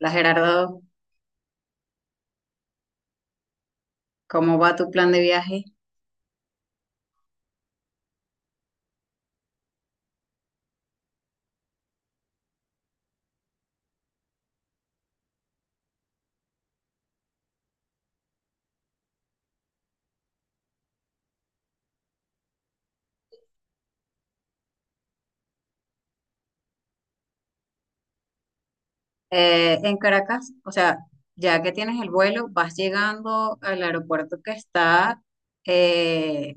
Hola Gerardo, ¿cómo va tu plan de viaje? En Caracas, o sea, ya que tienes el vuelo, vas llegando al aeropuerto que está eh,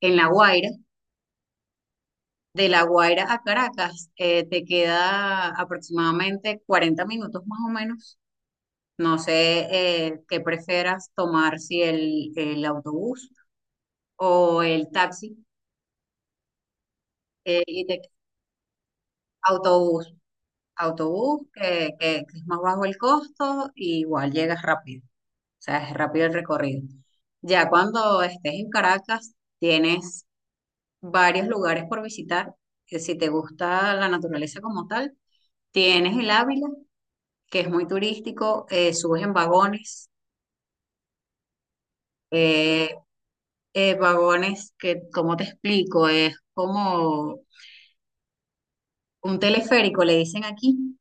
en La Guaira. De La Guaira a Caracas, te queda aproximadamente 40 minutos más o menos. No sé qué prefieras tomar, si el autobús o el taxi. eh, y te- autobús, autobús, que es más bajo el costo, y igual llegas rápido. O sea, es rápido el recorrido. Ya cuando estés en Caracas, tienes varios lugares por visitar. Que Si te gusta la naturaleza como tal, tienes el Ávila, que es muy turístico, subes en vagones. eh, Vagones que, ¿cómo te explico? Es como un teleférico, le dicen aquí.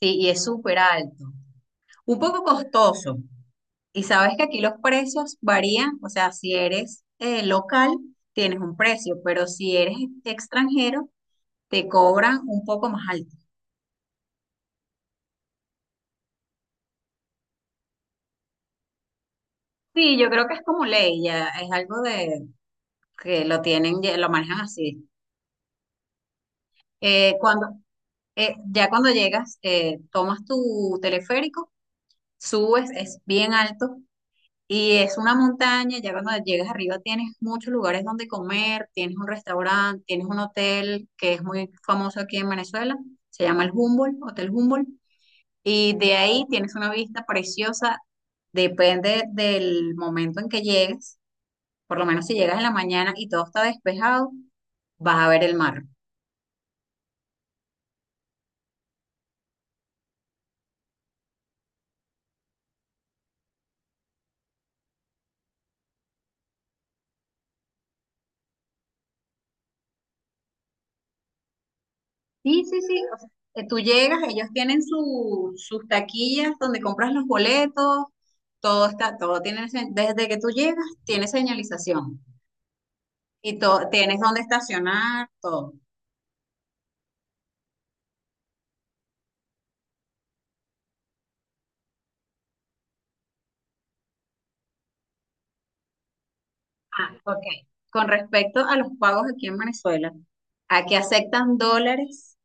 Sí, y es súper alto. Un poco costoso. Y sabes que aquí los precios varían, o sea, si eres local, tienes un precio, pero si eres extranjero, te cobran un poco más alto. Sí, yo creo que es como ley, ya es algo de que lo tienen, ya lo manejan así. Eh, cuando, ya cuando llegas, tomas tu teleférico, subes, es bien alto. Y es una montaña, ya cuando llegas arriba tienes muchos lugares donde comer, tienes un restaurante, tienes un hotel que es muy famoso aquí en Venezuela, se llama el Humboldt, Hotel Humboldt, y de ahí tienes una vista preciosa, depende del momento en que llegues, por lo menos si llegas en la mañana y todo está despejado, vas a ver el mar. Sí, sí, sí. O sea, tú llegas, ellos tienen sus taquillas donde compras los boletos, todo está, todo tiene, se- desde que tú llegas, tiene señalización y todo, tienes dónde estacionar, todo. Ah, ok. Con respecto a los pagos aquí en Venezuela, aquí aceptan dólares,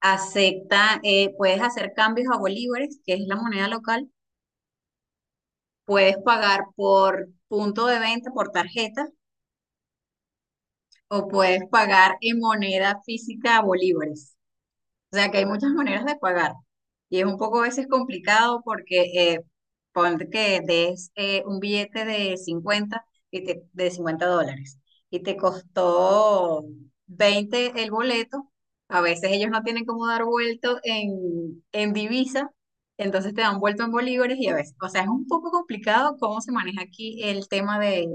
puedes hacer cambios a bolívares, que es la moneda local, puedes pagar por punto de venta, por tarjeta, o puedes pagar en moneda física a bolívares. O sea que hay muchas maneras de pagar y es un poco a veces complicado porque ponte que des un billete de 50 de $50 y te costó 20 el boleto. A veces ellos no tienen cómo dar vuelto en divisa, entonces te dan vuelto en bolívares y a veces, o sea, es un poco complicado cómo se maneja aquí el tema de,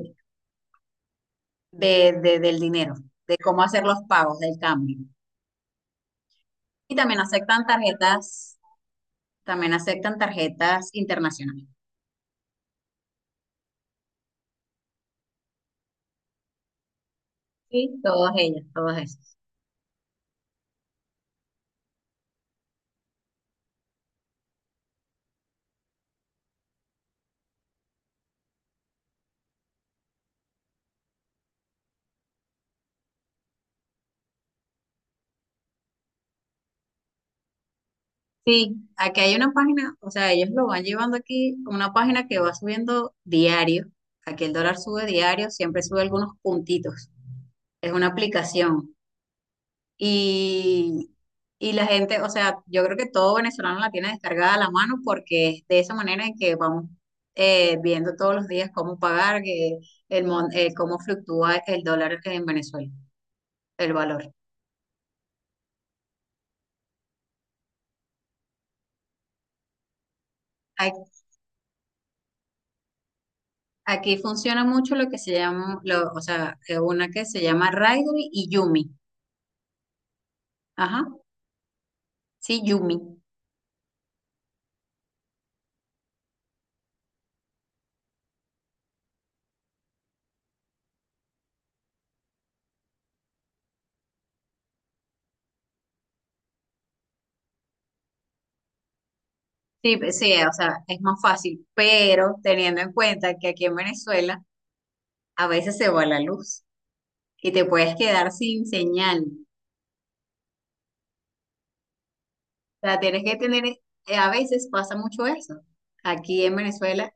de- de- del dinero, de cómo hacer los pagos del cambio. Y también aceptan tarjetas También aceptan tarjetas internacionales. Sí, todas ellas, todas esas. Sí, aquí hay una página, o sea, ellos lo van llevando aquí, una página que va subiendo diario. Aquí el dólar sube diario, siempre sube algunos puntitos. Es una aplicación. Y, y la gente, o sea, yo creo que todo venezolano la tiene descargada a la mano porque es de esa manera en que vamos viendo todos los días cómo pagar, cómo fluctúa el dólar en Venezuela, el valor. Aquí funciona mucho lo que se llama, una que se llama Raidly y Yumi. Ajá, sí, Yumi. Sí, sí, o sea, es más fácil, pero teniendo en cuenta que aquí en Venezuela a veces se va la luz y te puedes quedar sin señal. O sea, tienes que tener, a veces pasa mucho eso aquí en Venezuela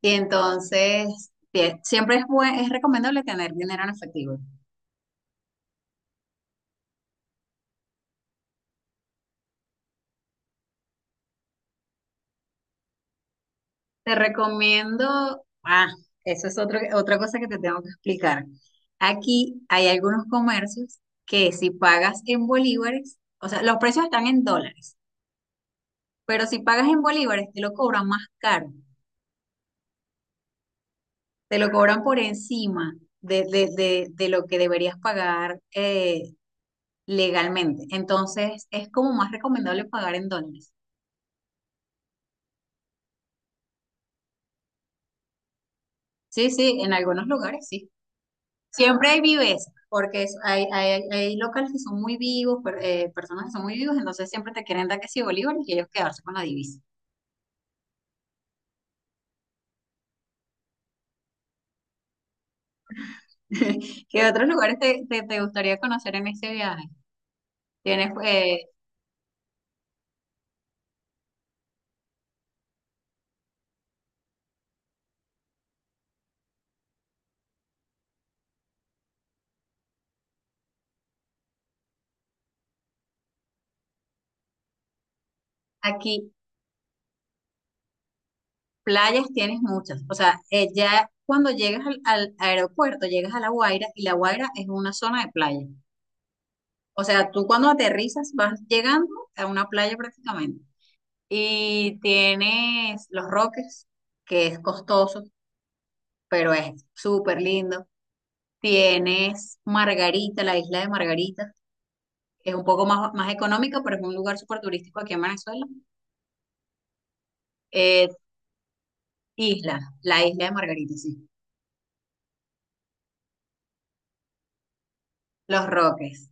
y entonces es recomendable tener dinero en efectivo. Te recomiendo, ah, eso es otra cosa que te tengo que explicar. Aquí hay algunos comercios que si pagas en bolívares, o sea, los precios están en dólares, pero si pagas en bolívares te lo cobran más caro, te lo cobran por encima de lo que deberías pagar legalmente. Entonces es como más recomendable pagar en dólares. Sí, sí, en algunos lugares sí. Siempre hay vives, porque hay locales que son muy vivos, personas que son muy vivos, entonces siempre te quieren dar que si bolívares y ellos quedarse con la divisa. ¿Qué otros lugares te gustaría conocer en este viaje? Tienes aquí playas, tienes muchas. O sea, ya cuando llegas al aeropuerto, llegas a La Guaira y La Guaira es una zona de playa. O sea, tú cuando aterrizas vas llegando a una playa prácticamente. Y tienes Los Roques, que es costoso pero es súper lindo. Tienes Margarita, la isla de Margarita. Es un poco más económica, pero es un lugar súper turístico aquí en Venezuela. Eh, la isla de Margarita, sí. Los Roques,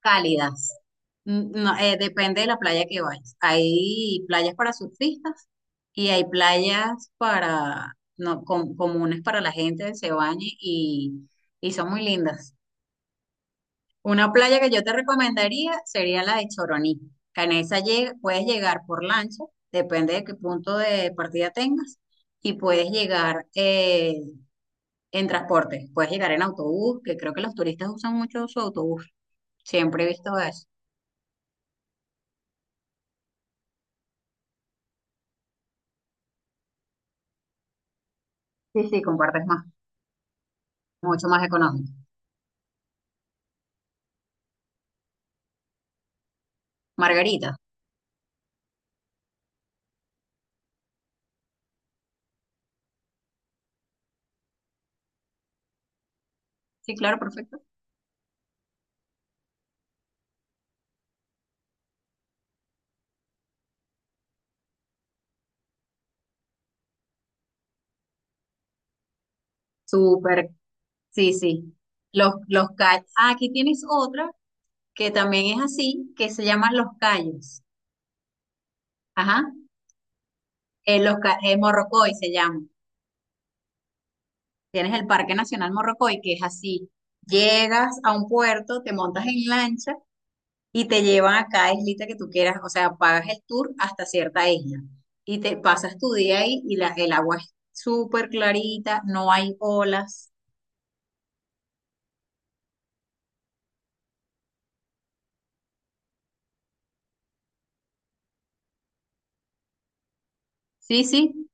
cálidas. No, depende de la playa que vayas. Hay playas para surfistas y hay playas para, no, com- comunes para la gente, que se bañe y son muy lindas. Una playa que yo te recomendaría sería la de Choroní. Que en esa puedes llegar por lancha, depende de qué punto de partida tengas, y puedes llegar en transporte. Puedes llegar en autobús, que creo que los turistas usan mucho su autobús. Siempre he visto eso. Sí, sí, compartes más, mucho más económico. Margarita. Sí, claro, perfecto. Súper. Sí, sí. Los callos. Ah, aquí tienes otra que también es así, que se llaman los callos. Ajá. Morrocoy se llama. Tienes el Parque Nacional Morrocoy, que es así. Llegas a un puerto, te montas en lancha y te llevan a cada islita que tú quieras. O sea, pagas el tour hasta cierta isla y te pasas tu día ahí y el agua es súper clarita, no hay olas. Sí, sí.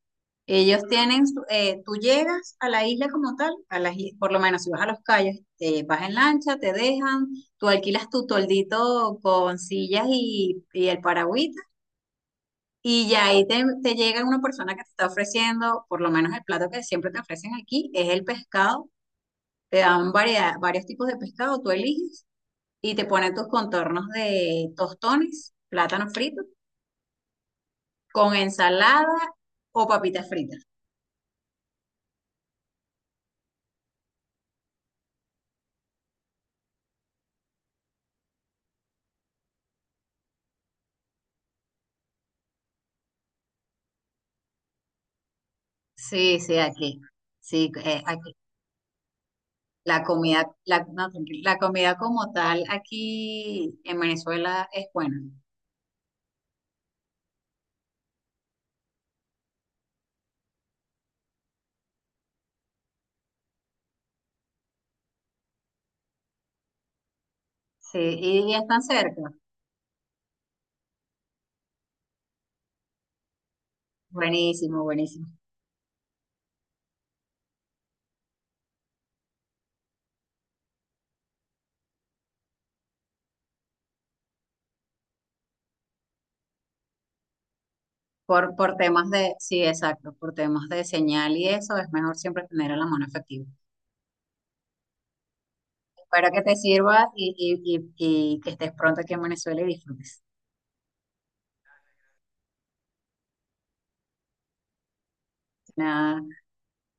Tú llegas a la isla como tal, por lo menos si vas a Los Cayos, te vas en lancha, te dejan, tú alquilas tu toldito con sillas y el paragüita. Y ya ahí te llega una persona que te está ofreciendo, por lo menos el plato que siempre te ofrecen aquí, es el pescado. Te dan variedad, varios tipos de pescado, tú eliges y te ponen tus contornos de tostones, plátano frito, con ensalada o papitas fritas. Sí, sí, aquí. Sí, aquí. La comida, la, no, Tranquilo. La comida como tal aquí en Venezuela es buena. Sí, y están cerca. Buenísimo, buenísimo. Sí, exacto, por temas de señal y eso, es mejor siempre tener a la mano efectiva. Espero que te sirva y que estés pronto aquí en Venezuela y disfrutes. Nada.